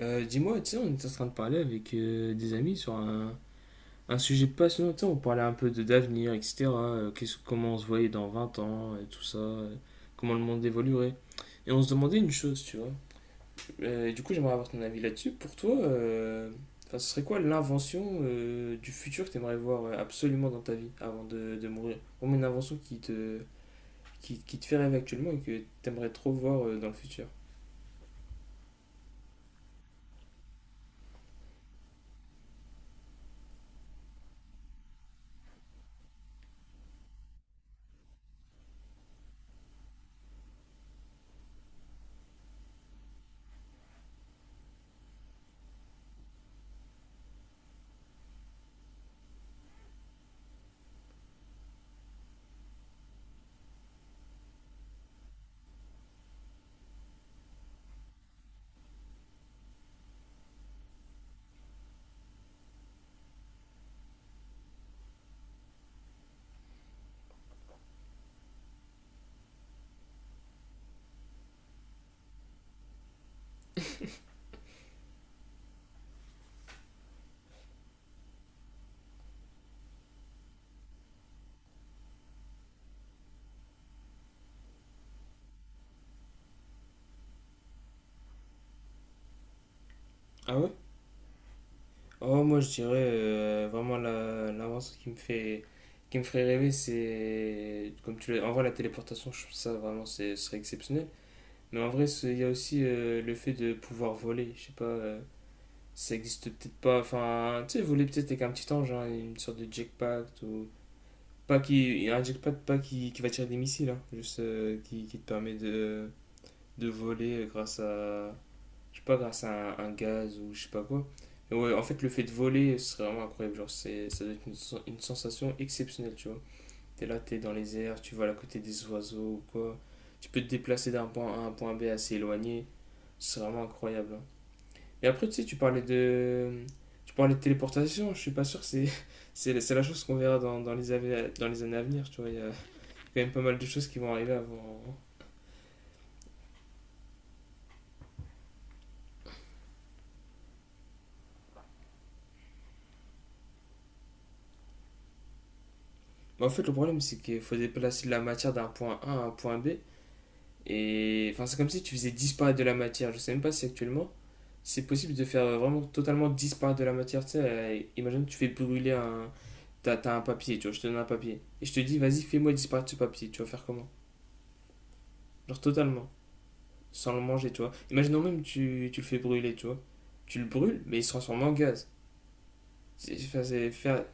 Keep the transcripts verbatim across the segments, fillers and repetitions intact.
Euh, dis-moi, tu sais, on était en train de parler avec euh, des amis sur un, un sujet passionnant. Tu sais, on parlait un peu de d'avenir, et cetera euh, qu'est-ce- comment on se voyait dans vingt ans, et tout ça, euh, comment le monde évoluerait. Et on se demandait une chose, tu vois. Euh, et du coup, j'aimerais avoir ton avis là-dessus. Pour toi, euh, enfin, ce serait quoi l'invention euh, du futur que tu aimerais voir euh, absolument dans ta vie avant de, de mourir? Ou une invention qui te, qui, qui te fait rêver actuellement et que tu aimerais trop voir euh, dans le futur. Ah ouais? Oh, moi, je dirais euh, vraiment la- l'avance qui me fait, qui me ferait rêver, c'est comme tu l'as. En vrai, la téléportation, je trouve ça vraiment, c'est- ce serait exceptionnel. Mais en vrai, c'est- il y a aussi euh, le fait de pouvoir voler. Je sais pas, euh, ça existe peut-être pas. Enfin, tu sais, voler peut-être avec un petit ange, hein, une sorte de jetpack ou pas qui, un jetpack pas qui, qui va tirer des missiles, hein, juste euh, qui, qui te permet de, de voler euh, grâce à je sais pas, grâce à un, un gaz ou je sais pas quoi. Et ouais, en fait, le fait de voler, c'est vraiment incroyable. Genre, c'est, ça doit être une, sen- une sensation exceptionnelle, tu vois. T'es là, t'es dans les airs, tu voles à côté des oiseaux ou quoi. Tu peux te déplacer d'un point A à un point B assez éloigné. C'est vraiment incroyable, hein. Et après, tu sais, tu parlais de… Tu parlais de téléportation, je suis pas sûr, c'est, c'est, c'est la chose qu'on verra dans, dans les années dans les années à venir, tu vois. Il y a quand même pas mal de choses qui vont arriver avant… hein. Mais en fait, le problème, c'est qu'il faut déplacer de la matière d'un point A à un point B. Et enfin, c'est comme si tu faisais disparaître de la matière. Je sais même pas si actuellement c'est possible de faire vraiment totalement disparaître de la matière. Tu sais, euh, imagine, tu fais brûler un. T'as t'as un papier, tu vois, je te donne un papier. Et je te dis, vas-y, fais-moi disparaître ce papier. Tu vas faire comment? Genre totalement, sans le manger, tu vois. Imaginons même, tu, tu le fais brûler, tu vois. Tu le brûles, mais il se transforme en gaz. C'est enfin, c'est faire-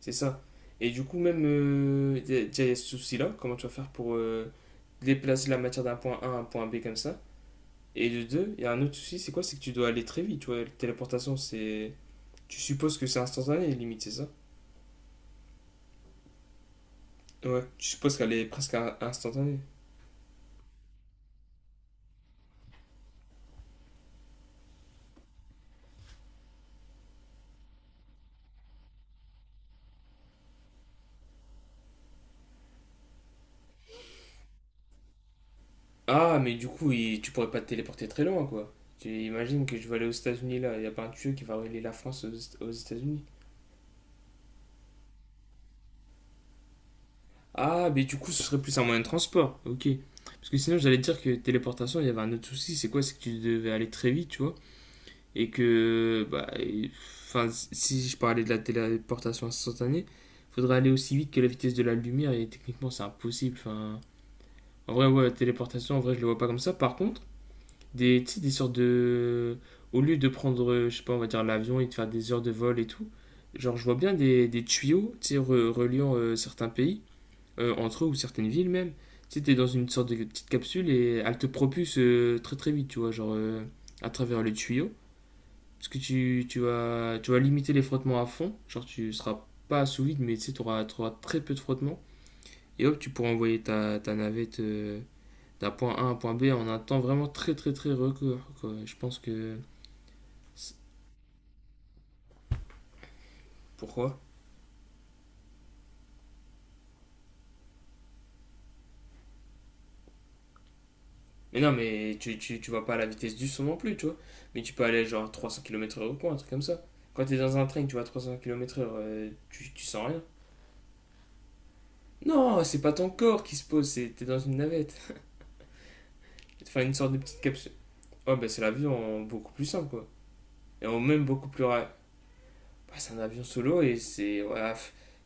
c'est ça. Et du coup, même, euh, déjà, il y a ce souci-là. Comment tu vas faire pour euh, déplacer la matière d'un point A à un point B comme ça? Et de deux, il y a un autre souci, c'est quoi? C'est que tu dois aller très vite, tu vois. La téléportation, c'est. Tu supposes que c'est instantané, limite, c'est ça? Ouais, tu supposes qu'elle est presque in- instantanée. Ah, mais du coup, il- tu pourrais pas te téléporter très loin, quoi. Tu imagines que je vais aller aux États-Unis là, il y a pas un tuyau qui va relier la France aux, Est- aux États-Unis. Ah, mais du coup, ce serait plus un moyen de transport, ok. Parce que sinon, j'allais te dire que téléportation, il y avait un autre souci, c'est quoi? C'est que tu devais aller très vite, tu vois. Et que bah, et enfin, si je parlais de la téléportation instantanée, il faudrait aller aussi vite que la vitesse de la lumière et techniquement c'est impossible. Enfin, en vrai, ouais, la téléportation, en vrai, je le vois pas comme ça. Par contre, des, tu des sortes de. Au lieu de prendre, euh, je sais pas, on va dire l'avion et de faire des heures de vol et tout, genre, je vois bien des, des tuyaux, tu sais, re- reliant euh, certains pays, euh, entre eux ou certaines villes même. Tu sais, t'es dans une sorte de petite capsule et elle te propulse euh, très très vite, tu vois, genre euh, à travers les tuyaux. Parce que tu, tu vas, tu vas limiter les frottements à fond. Genre, tu seras pas sous vide, mais tu sais, tu auras, tu auras très peu de frottements. Et hop, tu pourras envoyer ta, ta navette euh, d'un point A à un point B en un temps vraiment très, très, très record, quoi. Je pense que. Pourquoi? Mais non, mais tu, tu, tu vas pas à la vitesse du son non plus, tu vois. Mais tu peux aller genre trois cents kilomètres par heure ou quoi, un truc comme ça. Quand t'es dans un train, tu vas à trois cents kilomètres heure euh, tu, tu sens rien. Non, c'est pas ton corps qui se pose, c'est t'es dans une navette. Enfin, une sorte de petite capsule. Ouais, bah c'est la vie en beaucoup plus simple, quoi. Et en même beaucoup plus rapide. Bah, c'est un avion solo et c'est. Voilà,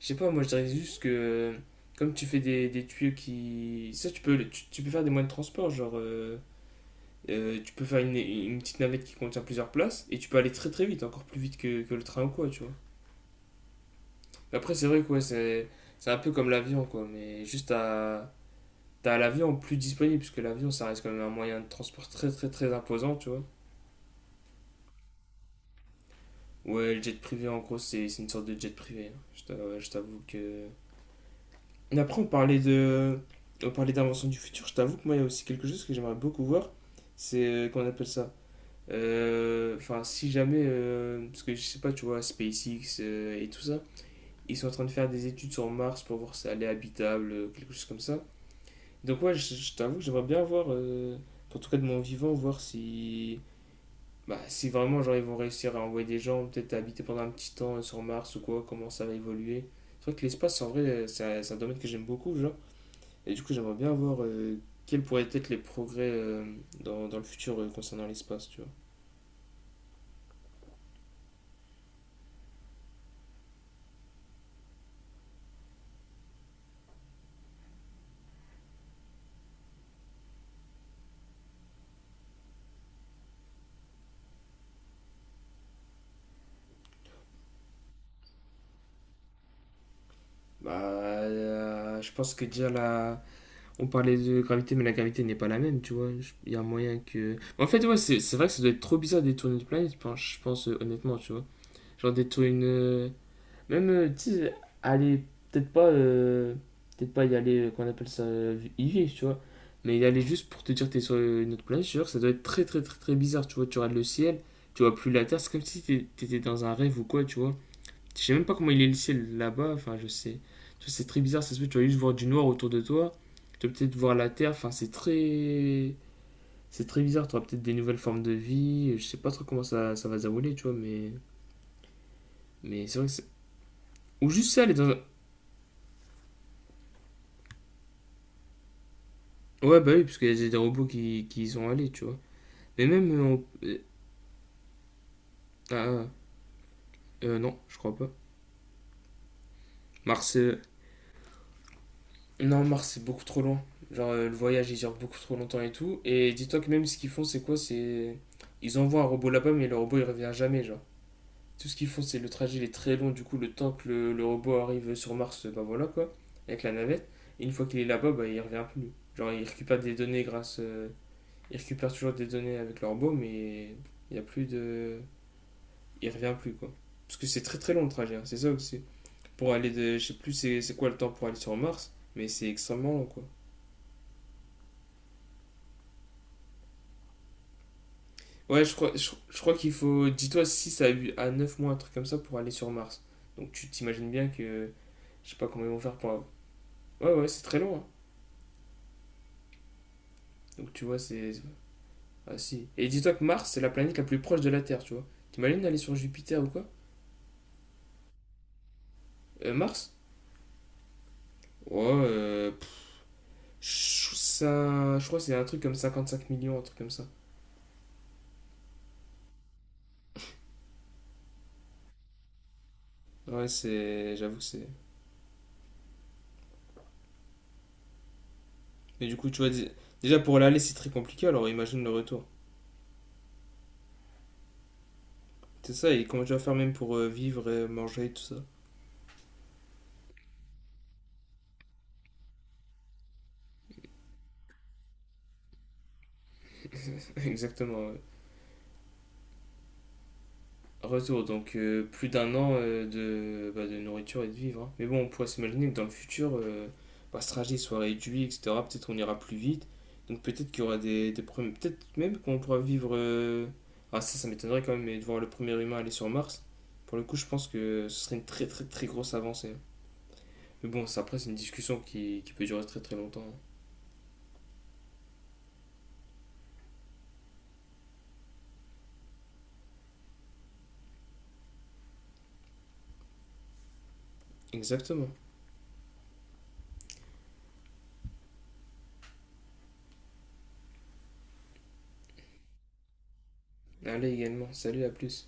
je sais pas, moi je dirais juste que. Comme tu fais des, des tuyaux qui. Ça, tu peux, tu, tu peux faire des moyens de transport, genre. euh, euh, tu peux faire une, une petite navette qui contient plusieurs places et tu peux aller très très vite, encore plus vite que, que le train ou quoi, tu vois. Après, c'est vrai que ouais, c'est c'est un peu comme l'avion, quoi, mais juste à. T'as l'avion plus disponible, puisque l'avion ça reste quand même un moyen de transport très très très imposant, tu vois. Ouais, le jet privé en gros c'est c'est une sorte de jet privé, hein. Je t'a- ouais, je t'avoue que. Mais après, on parlait de. On parlait d'invention du futur. Je t'avoue que moi, il y a aussi quelque chose que j'aimerais beaucoup voir. C'est. euh, Qu'on appelle ça. Euh, Enfin, si jamais. Euh, parce que je sais pas, tu vois, SpaceX euh, et tout ça. Ils sont en train de faire des études sur Mars pour voir si elle est habitable, euh, quelque chose comme ça. Donc, ouais, je, je t'avoue que j'aimerais bien voir. Euh, en tout cas, de mon vivant, voir si. Bah, si vraiment, genre, ils vont réussir à envoyer des gens, peut-être à habiter pendant un petit temps euh, sur Mars ou quoi, comment ça va évoluer. C'est vrai que l'espace, en vrai, euh, c'est un, c'est un domaine que j'aime beaucoup, genre. Et du coup, j'aimerais bien voir euh, quels pourraient être les progrès euh, dans, dans le futur euh, concernant l'espace, tu vois. Bah, euh, je pense que déjà là, on parlait de gravité, mais la gravité n'est pas la même, tu vois. Je- Il y a moyen que. En fait, ouais, c'est c'est vrai que ça doit être trop bizarre de détourner une planète, je pense, je pense, euh, honnêtement, tu vois. Genre détourner une, euh, même, euh, tu sais, aller, peut-être pas, euh, peut-être pas y aller, euh, qu'on appelle ça, euh, y vivre, tu vois. Mais y aller juste pour te dire que t'es sur euh, une autre planète, je te jure, ça doit être très très très très bizarre, tu vois. Tu regardes le ciel, tu vois plus la Terre, c'est comme si t'é- t'étais dans un rêve ou quoi, tu vois. Je sais même pas comment il est le ciel là-bas, enfin, je sais. Tu vois, c'est très bizarre, ça se peut, tu vas juste voir du noir autour de toi, tu vas peut-être voir la Terre, enfin, c'est très. C'est très bizarre, tu auras peut-être des nouvelles formes de vie, je sais pas trop comment ça, ça va se dérouler, tu vois, mais. Mais c'est vrai que c'est. Ou juste ça, aller dans. Ouais, bah oui, parce qu'il y a des robots qui, qui y sont allés, tu vois. Mais même. euh, on- euh, ah, euh, non, je crois pas. Mars. euh, Non, Mars, c'est beaucoup trop loin. Genre, euh, le voyage, il dure beaucoup trop longtemps et tout. Et dis-toi que même ce qu'ils font, c'est quoi? C'est. Ils envoient un robot là-bas, mais le robot, il revient jamais, genre. Tout ce qu'ils font, c'est le trajet, il est très long. Du coup, le temps que le, le robot arrive sur Mars, bah voilà, quoi. Avec la navette. Et une fois qu'il est là-bas, bah, il revient plus. Genre, il récupère des données grâce. euh, Il récupère toujours des données avec le robot, mais il n'y a plus de. Il revient plus, quoi. Parce que c'est très très long le trajet, hein, c'est ça aussi. Pour aller de. Je sais plus c'est c'est quoi le temps pour aller sur Mars, mais c'est extrêmement long, quoi. Ouais, je crois, je, je crois qu'il faut, dis-toi, six à, neuf mois, un truc comme ça, pour aller sur Mars. Donc tu t'imagines bien que. Je sais pas comment ils vont faire pour. Ouais, ouais, c'est très long, hein. Donc tu vois, c'est. Ah si. Et dis-toi que Mars, c'est la planète la plus proche de la Terre, tu vois. T'imagines d'aller sur Jupiter ou quoi. Euh, Mars. Ouais, euh, pff, ça, je crois que c'est un truc comme cinquante cinq millions, un truc comme ça. Ouais, c'est. J'avoue que c'est. Mais du coup, tu vois, déjà pour l'aller, c'est très compliqué, alors imagine le retour. C'est ça, et comment tu vas faire même pour euh, vivre, et manger, tout ça. Exactement, ouais. Retour, donc euh, plus d'un an euh, de, bah, de nourriture et de vivre, hein. Mais bon, on pourrait s'imaginer que dans le futur, euh, bah, ce trajet soit réduit, et cetera. Peut-être qu'on ira plus vite. Donc peut-être qu'il y aura des, des problèmes. Peut-être même qu'on pourra vivre. euh, Ah, ça, ça m'étonnerait quand même, mais de voir le premier humain aller sur Mars. Pour le coup, je pense que ce serait une très très très grosse avancée. Mais bon, ça, après, c'est une discussion qui, qui peut durer très très longtemps, hein. Exactement. Allez également, salut, à plus.